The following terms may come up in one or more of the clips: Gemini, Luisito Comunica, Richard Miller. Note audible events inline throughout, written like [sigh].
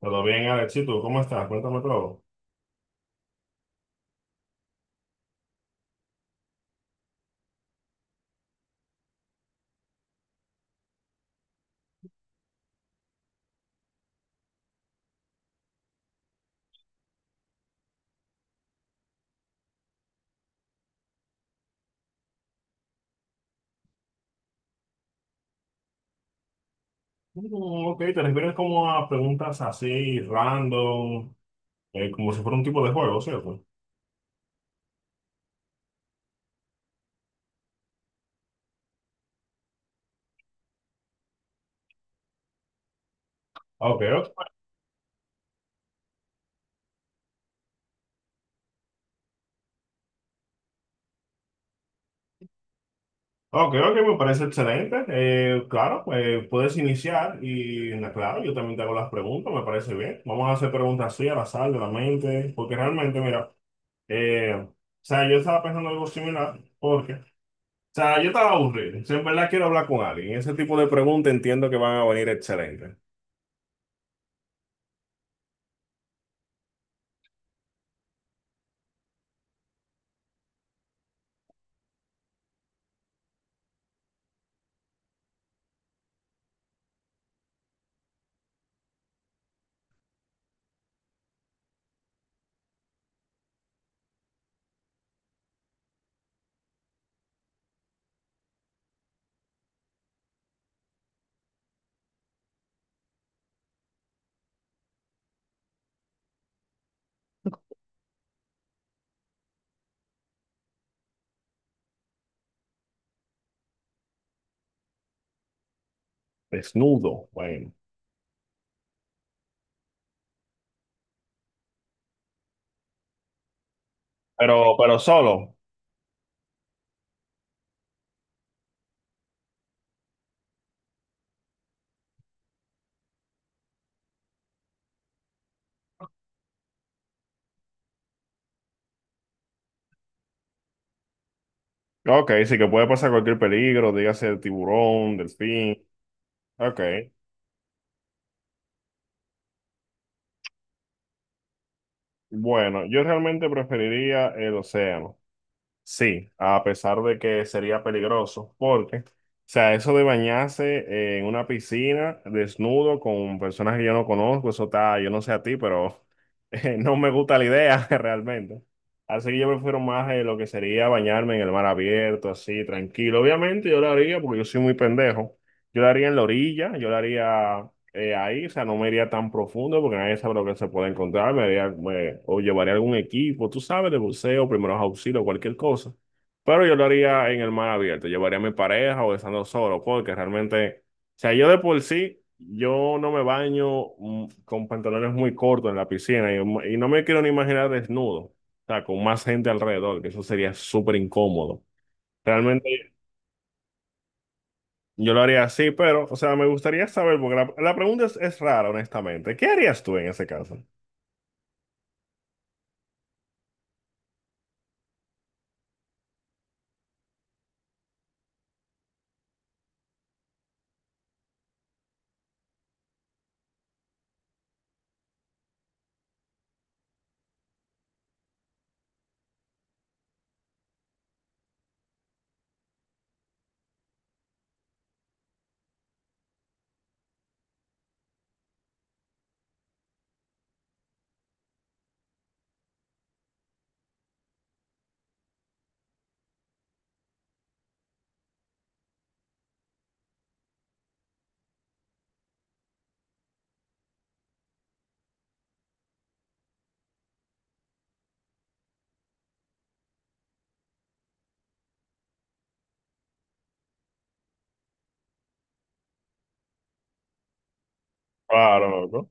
Todo bien, Alexito, ¿cómo estás? Cuéntame todo. Ok, te refieres como a preguntas así, random, como si fuera un tipo de juego, ¿cierto? Ok, ok, ok, me parece excelente. Claro, puedes iniciar y, claro, yo también te hago las preguntas, me parece bien. Vamos a hacer preguntas así, al azar, de la mente, porque realmente, mira, o sea, yo estaba pensando algo similar, porque, o sea, yo estaba aburrido. Si en verdad quiero hablar con alguien, ese tipo de preguntas entiendo que van a venir excelentes. Desnudo, bueno. Pero solo. Ok, sí que puede pasar cualquier peligro, dígase tiburón, delfín. Ok. Bueno, yo realmente preferiría el océano. Sí, a pesar de que sería peligroso, porque, o sea, eso de bañarse en una piscina desnudo con personas que yo no conozco, eso está, yo no sé a ti, pero [laughs] no me gusta la idea [laughs] realmente. Así que yo prefiero más lo que sería bañarme en el mar abierto, así, tranquilo. Obviamente yo lo haría porque yo soy muy pendejo. Yo lo haría en la orilla, yo lo haría ahí, o sea, no me iría tan profundo porque nadie sabe lo que se puede encontrar, o llevaría algún equipo, tú sabes, de buceo, primeros auxilios, cualquier cosa. Pero yo lo haría en el mar abierto, llevaría a mi pareja o estando solo, porque realmente, o sea, yo de por sí, yo no me baño con pantalones muy cortos en la piscina y no me quiero ni imaginar desnudo, o sea, con más gente alrededor, que eso sería súper incómodo. Realmente yo lo haría así, pero, o sea, me gustaría saber, porque la pregunta es rara, honestamente. ¿Qué harías tú en ese caso? Claro, ¿no?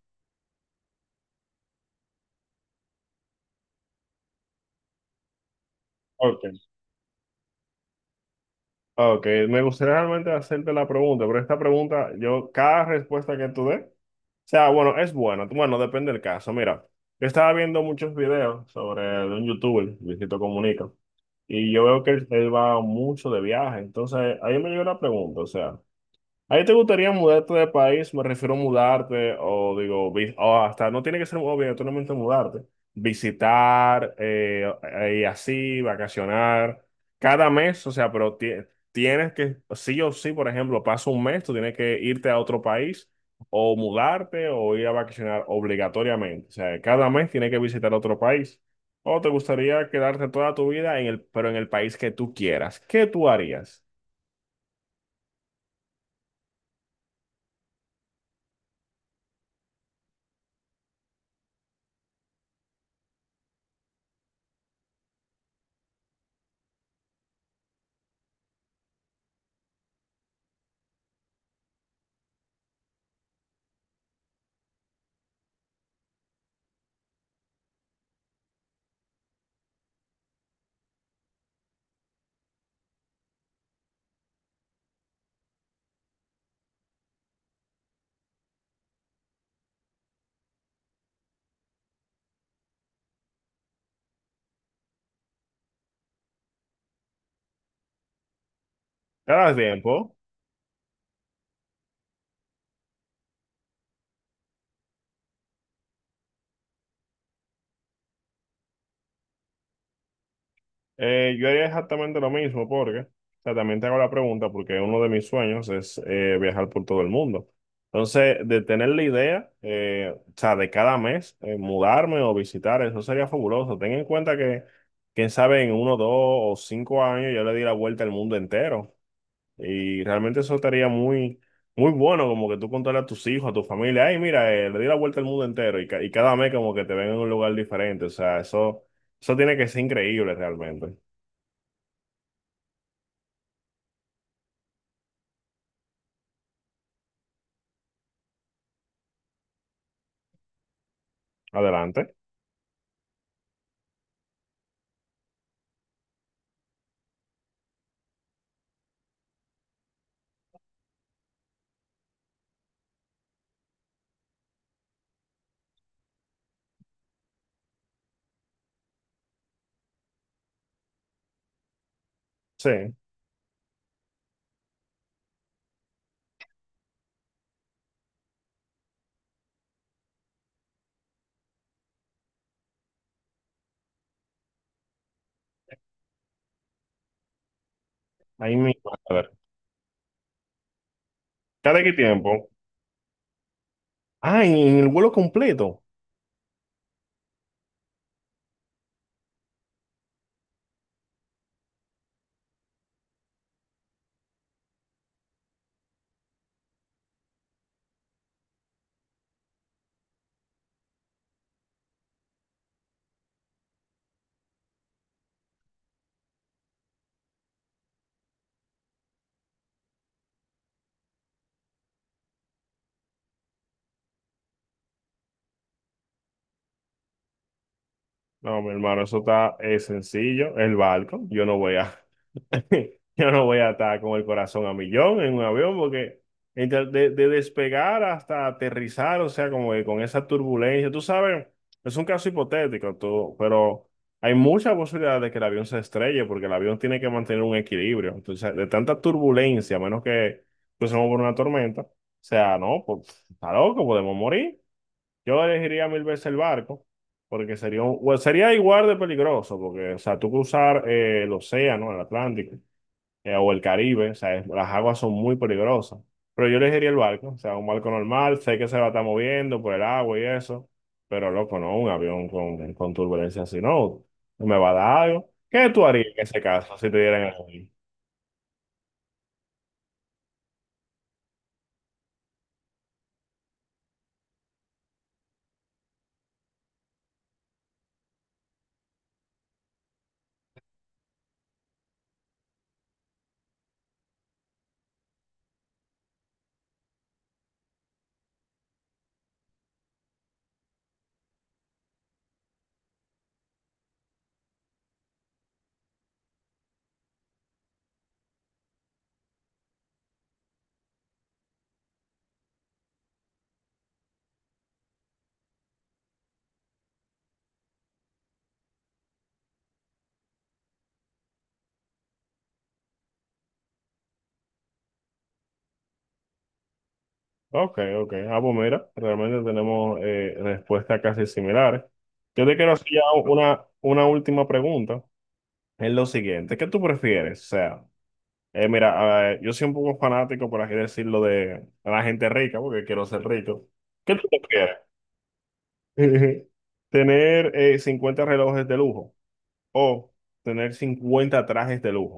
Ok, ok. Me gustaría realmente hacerte la pregunta, pero esta pregunta, yo, cada respuesta que tú des, o sea, bueno, es buena. Bueno, depende del caso. Mira, yo estaba viendo muchos videos sobre de un youtuber, Luisito Comunica, y yo veo que él va mucho de viaje. Entonces, ahí me llegó la pregunta, o sea. ¿A ti te gustaría mudarte de país? Me refiero a mudarte, o digo, o hasta no tiene que ser obligatoriamente mudarte. Visitar, y así, vacacionar, cada mes, o sea, pero tienes que, sí o sí, por ejemplo, pasa un mes, tú tienes que irte a otro país, o mudarte, o ir a vacacionar obligatoriamente. O sea, cada mes tienes que visitar otro país. O te gustaría quedarte toda tu vida en el, pero en el país que tú quieras. ¿Qué tú harías? ¿Te das tiempo? Yo haría exactamente lo mismo porque, o sea, también te hago la pregunta porque uno de mis sueños es viajar por todo el mundo. Entonces, de tener la idea, o sea, de cada mes mudarme o visitar, eso sería fabuloso. Ten en cuenta que, quién sabe, en uno, dos o cinco años yo le di la vuelta al mundo entero y realmente eso estaría muy, muy bueno, como que tú contarle a tus hijos, a tu familia, ay, mira, le di la vuelta al mundo entero y, y cada mes como que te ven en un lugar diferente. O sea, eso tiene que ser increíble realmente. Adelante. Sí, ahí mismo. A ver, ¿cada qué tiempo? Ah, en el vuelo completo. No, mi hermano, eso está sencillo. El barco, yo no voy a, [laughs] yo no voy a estar con el corazón a millón en un avión, porque de despegar hasta aterrizar, o sea, como que con esa turbulencia, tú sabes, es un caso hipotético, pero hay muchas posibilidades de que el avión se estrelle, porque el avión tiene que mantener un equilibrio. Entonces, de tanta turbulencia, a menos que pasemos por una tormenta, o sea, no, pues está loco, podemos morir. Yo elegiría mil veces el barco, porque sería, bueno, sería igual de peligroso, porque, o sea, tú cruzar el océano, el Atlántico, o el Caribe, o sea, las aguas son muy peligrosas. Pero yo elegiría el barco, o sea, un barco normal, sé que se va a estar moviendo por el agua y eso, pero loco, no, un avión con turbulencia así, no, me va a dar algo. ¿Qué tú harías en ese caso si te dieran el avión? Ok, ok. Ah, pues mira, realmente tenemos respuestas casi similares. Yo te quiero hacer ya una última pregunta. Es lo siguiente, ¿qué tú prefieres? O sea, mira, yo soy un poco fanático, por así decirlo, de la gente rica, porque quiero ser rico. ¿Qué tú prefieres? [laughs] ¿Tener 50 relojes de lujo o tener 50 trajes de lujo?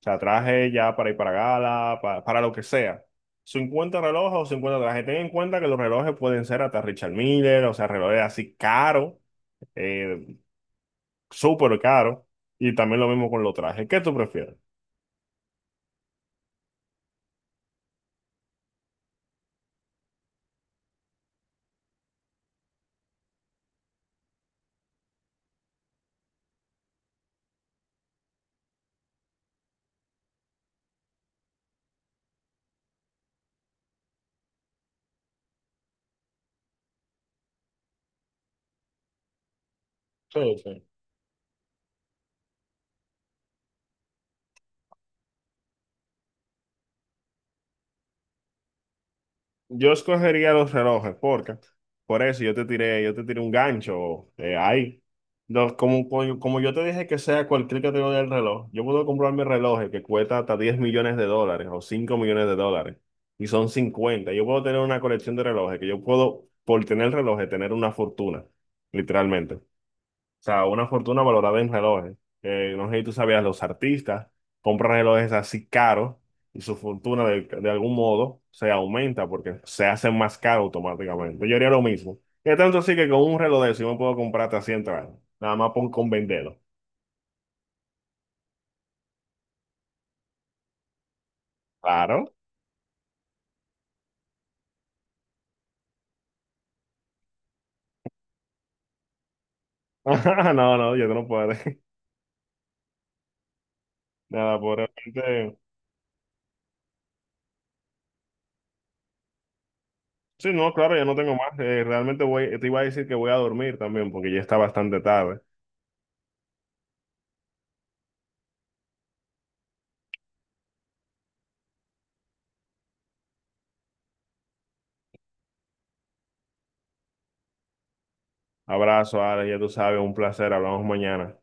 O sea, trajes ya para ir para gala, para, lo que sea. 50 relojes o 50 trajes. Ten en cuenta que los relojes pueden ser hasta Richard Miller, o sea, relojes así caros, eh, súper caros, y también lo mismo con los trajes. ¿Qué tú prefieres? Sí, sí. Yo escogería los relojes, porque por eso yo te tiré un gancho ahí. No, como yo te dije que sea cualquier categoría del reloj, yo puedo comprar mi reloj que cuesta hasta $10 millones o $5 millones y son 50. Yo puedo tener una colección de relojes que yo puedo, por tener relojes, tener una fortuna, literalmente. O sea, una fortuna valorada en relojes. No sé si tú sabías, los artistas compran relojes así caros y su fortuna de algún modo se aumenta porque se hacen más caros automáticamente. Yo haría lo mismo. Y tanto así que con un reloj de eso yo me puedo comprar hasta 100 trajes. Nada más por, con venderlo. Claro. [laughs] No, no, yo no puedo. [laughs] Nada, por realmente. Sí, no, claro, ya no tengo más. Realmente voy, te iba a decir que voy a dormir también porque ya está bastante tarde. Abrazo, Ale, ya tú sabes, un placer. Hablamos mañana.